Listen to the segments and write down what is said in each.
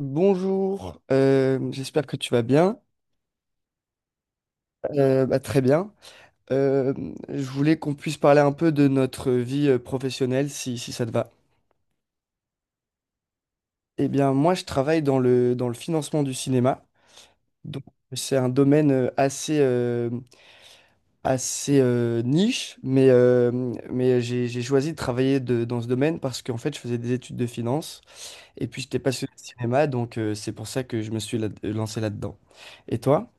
Bonjour, j'espère que tu vas bien. Bah, très bien. Euh, je voulais qu'on puisse parler un peu de notre vie professionnelle, si ça te va. Eh bien, moi, je travaille dans le financement du cinéma. Donc, c'est un domaine assez niche, mais j'ai choisi de travailler dans ce domaine parce qu'en fait, je faisais des études de finance et puis j'étais passionné de cinéma, donc c'est pour ça que je me suis lancé là-dedans. Et toi?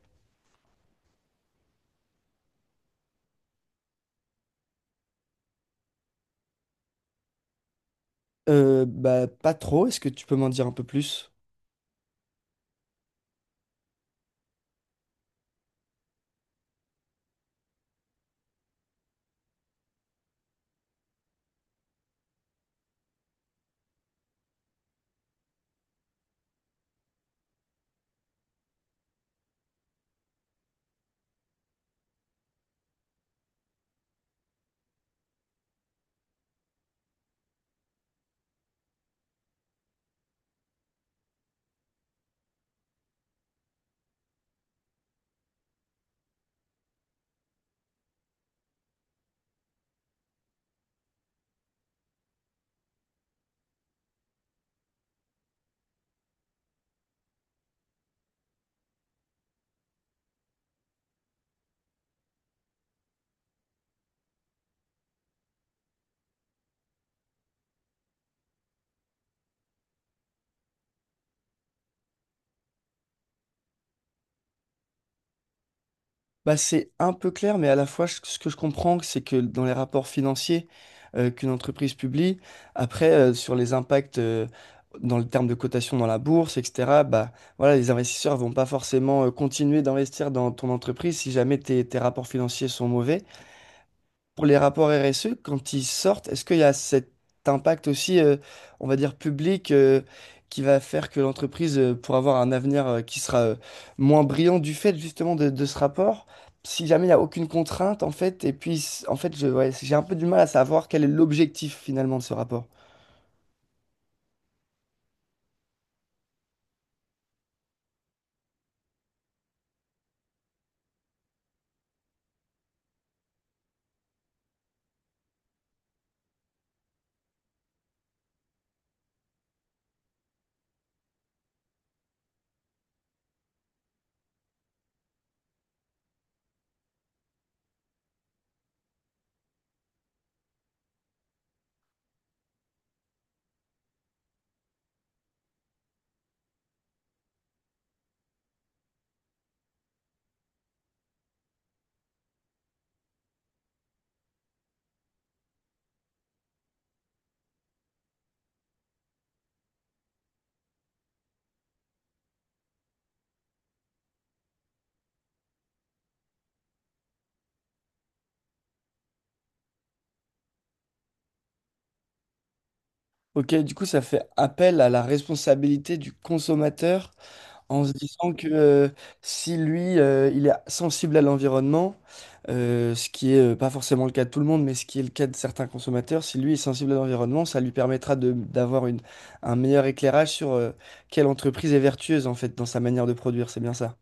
Bah, pas trop. Est-ce que tu peux m'en dire un peu plus? Bah, c'est un peu clair, mais à la fois, ce que je comprends, c'est que dans les rapports financiers qu'une entreprise publie, après, sur les impacts dans le terme de cotation dans la bourse, etc., bah, voilà, les investisseurs vont pas forcément continuer d'investir dans ton entreprise si jamais tes rapports financiers sont mauvais. Pour les rapports RSE, quand ils sortent, est-ce qu'il y a cet impact aussi, on va dire, public, qui va faire que l'entreprise, pour avoir un avenir, qui sera, moins brillant du fait justement de ce rapport, si jamais il n'y a aucune contrainte, en fait, et puis, en fait, ouais, j'ai un peu du mal à savoir quel est l'objectif finalement de ce rapport. Ok, du coup, ça fait appel à la responsabilité du consommateur en se disant que si lui, il est sensible à l'environnement, ce qui est pas forcément le cas de tout le monde, mais ce qui est le cas de certains consommateurs, si lui est sensible à l'environnement, ça lui permettra d'avoir un meilleur éclairage sur quelle entreprise est vertueuse en fait dans sa manière de produire, c'est bien ça.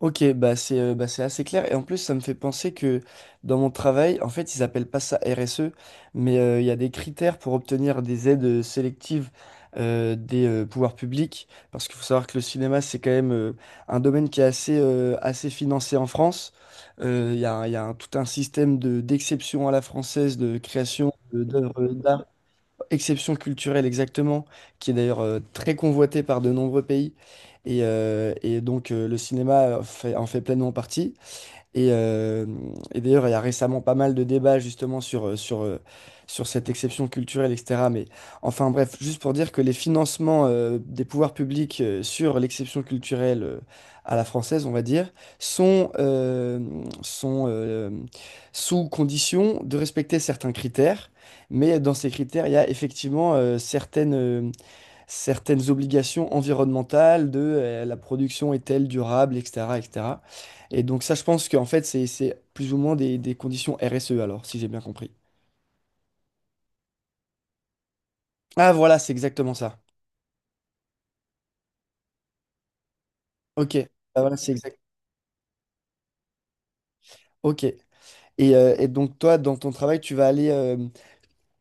Ok, bah c'est assez clair. Et en plus, ça me fait penser que dans mon travail, en fait, ils appellent pas ça RSE, mais il y a des critères pour obtenir des aides sélectives des pouvoirs publics. Parce qu'il faut savoir que le cinéma, c'est quand même un domaine qui est assez financé en France. Il y a, un- il y a un- Tout un système d'exception à la française, de création d'œuvres d'art. Exception culturelle, exactement, qui est d'ailleurs très convoitée par de nombreux pays. Et donc le cinéma en fait pleinement partie. Et, euh, et d'ailleurs, il y a récemment pas mal de débats justement sur cette exception culturelle, etc. Mais enfin bref, juste pour dire que les financements des pouvoirs publics sur l'exception culturelle à la française, on va dire, sont, euh, sont sous condition de respecter certains critères. Mais dans ces critères, il y a effectivement certaines obligations environnementales de la production est-elle durable, etc., etc. Et cetera. Et donc ça, je pense qu'en fait, c'est plus ou moins des conditions RSE, alors, si j'ai bien compris. Ah voilà, c'est exactement ça. Ok. Ah, voilà, c'est exact. Ok. Et donc toi, dans ton travail, tu vas aller,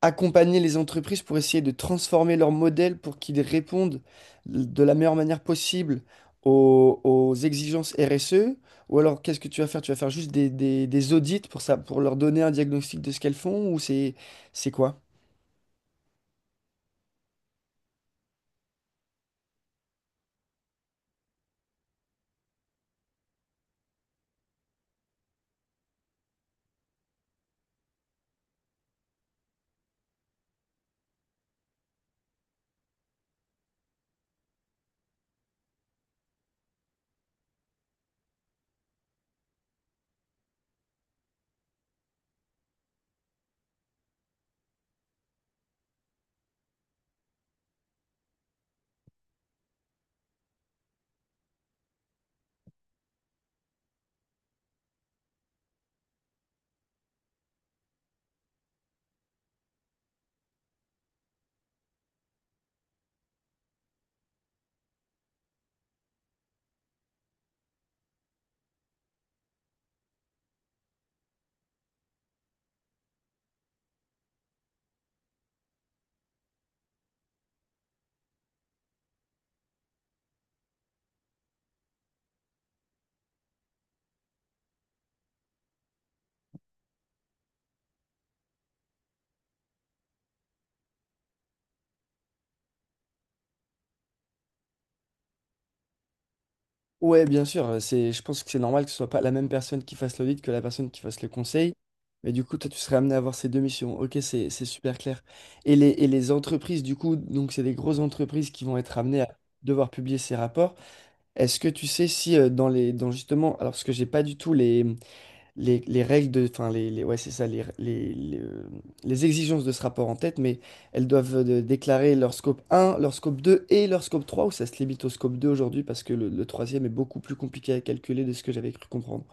accompagner les entreprises pour essayer de transformer leur modèle pour qu'ils répondent de la meilleure manière possible aux exigences RSE? Ou alors, qu'est-ce que tu vas faire? Tu vas faire juste des audits pour ça, pour leur donner un diagnostic de ce qu'elles font ou c'est quoi? Ouais, bien sûr, je pense que c'est normal que ce soit pas la même personne qui fasse l'audit que la personne qui fasse le conseil. Mais du coup, toi, tu serais amené à avoir ces deux missions. Ok, c'est super clair. Et les entreprises, du coup, donc c'est des grosses entreprises qui vont être amenées à devoir publier ces rapports. Est-ce que tu sais si dans justement alors parce que j'ai pas du tout les les règles de enfin les- ouais, c'est ça, les exigences de ce rapport en tête mais elles doivent déclarer leur scope 1 leur scope 2 et leur scope 3 ou ça se limite au scope 2 aujourd'hui parce que le troisième est beaucoup plus compliqué à calculer de ce que j'avais cru comprendre.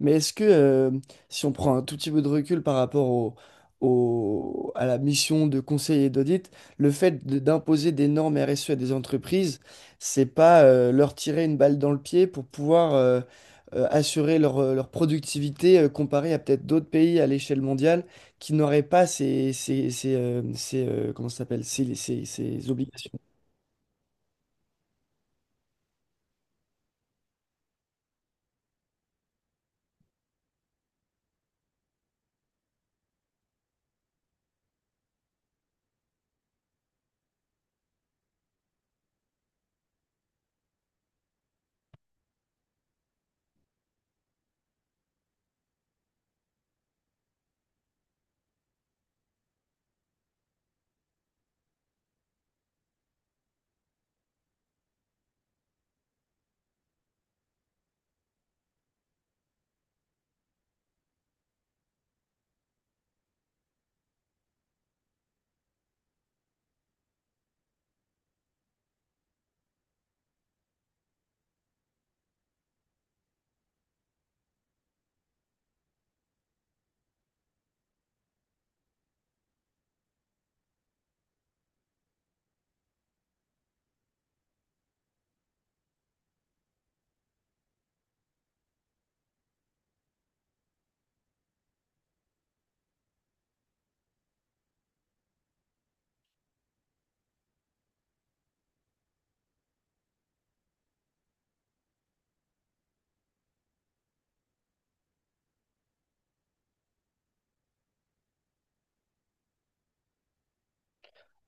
Mais est-ce que, si on prend un tout petit peu de recul par rapport à la mission de conseiller d'audit, le fait d'imposer des normes RSE à des entreprises, c'est pas leur tirer une balle dans le pied pour pouvoir assurer leur productivité comparée à peut-être d'autres pays à l'échelle mondiale qui n'auraient pas comment ça s'appelle, ces obligations?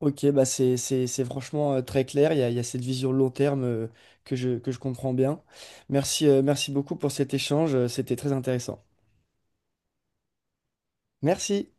Ok, bah c'est franchement très clair. Il y a cette vision long terme que je comprends bien. Merci beaucoup pour cet échange. C'était très intéressant. Merci.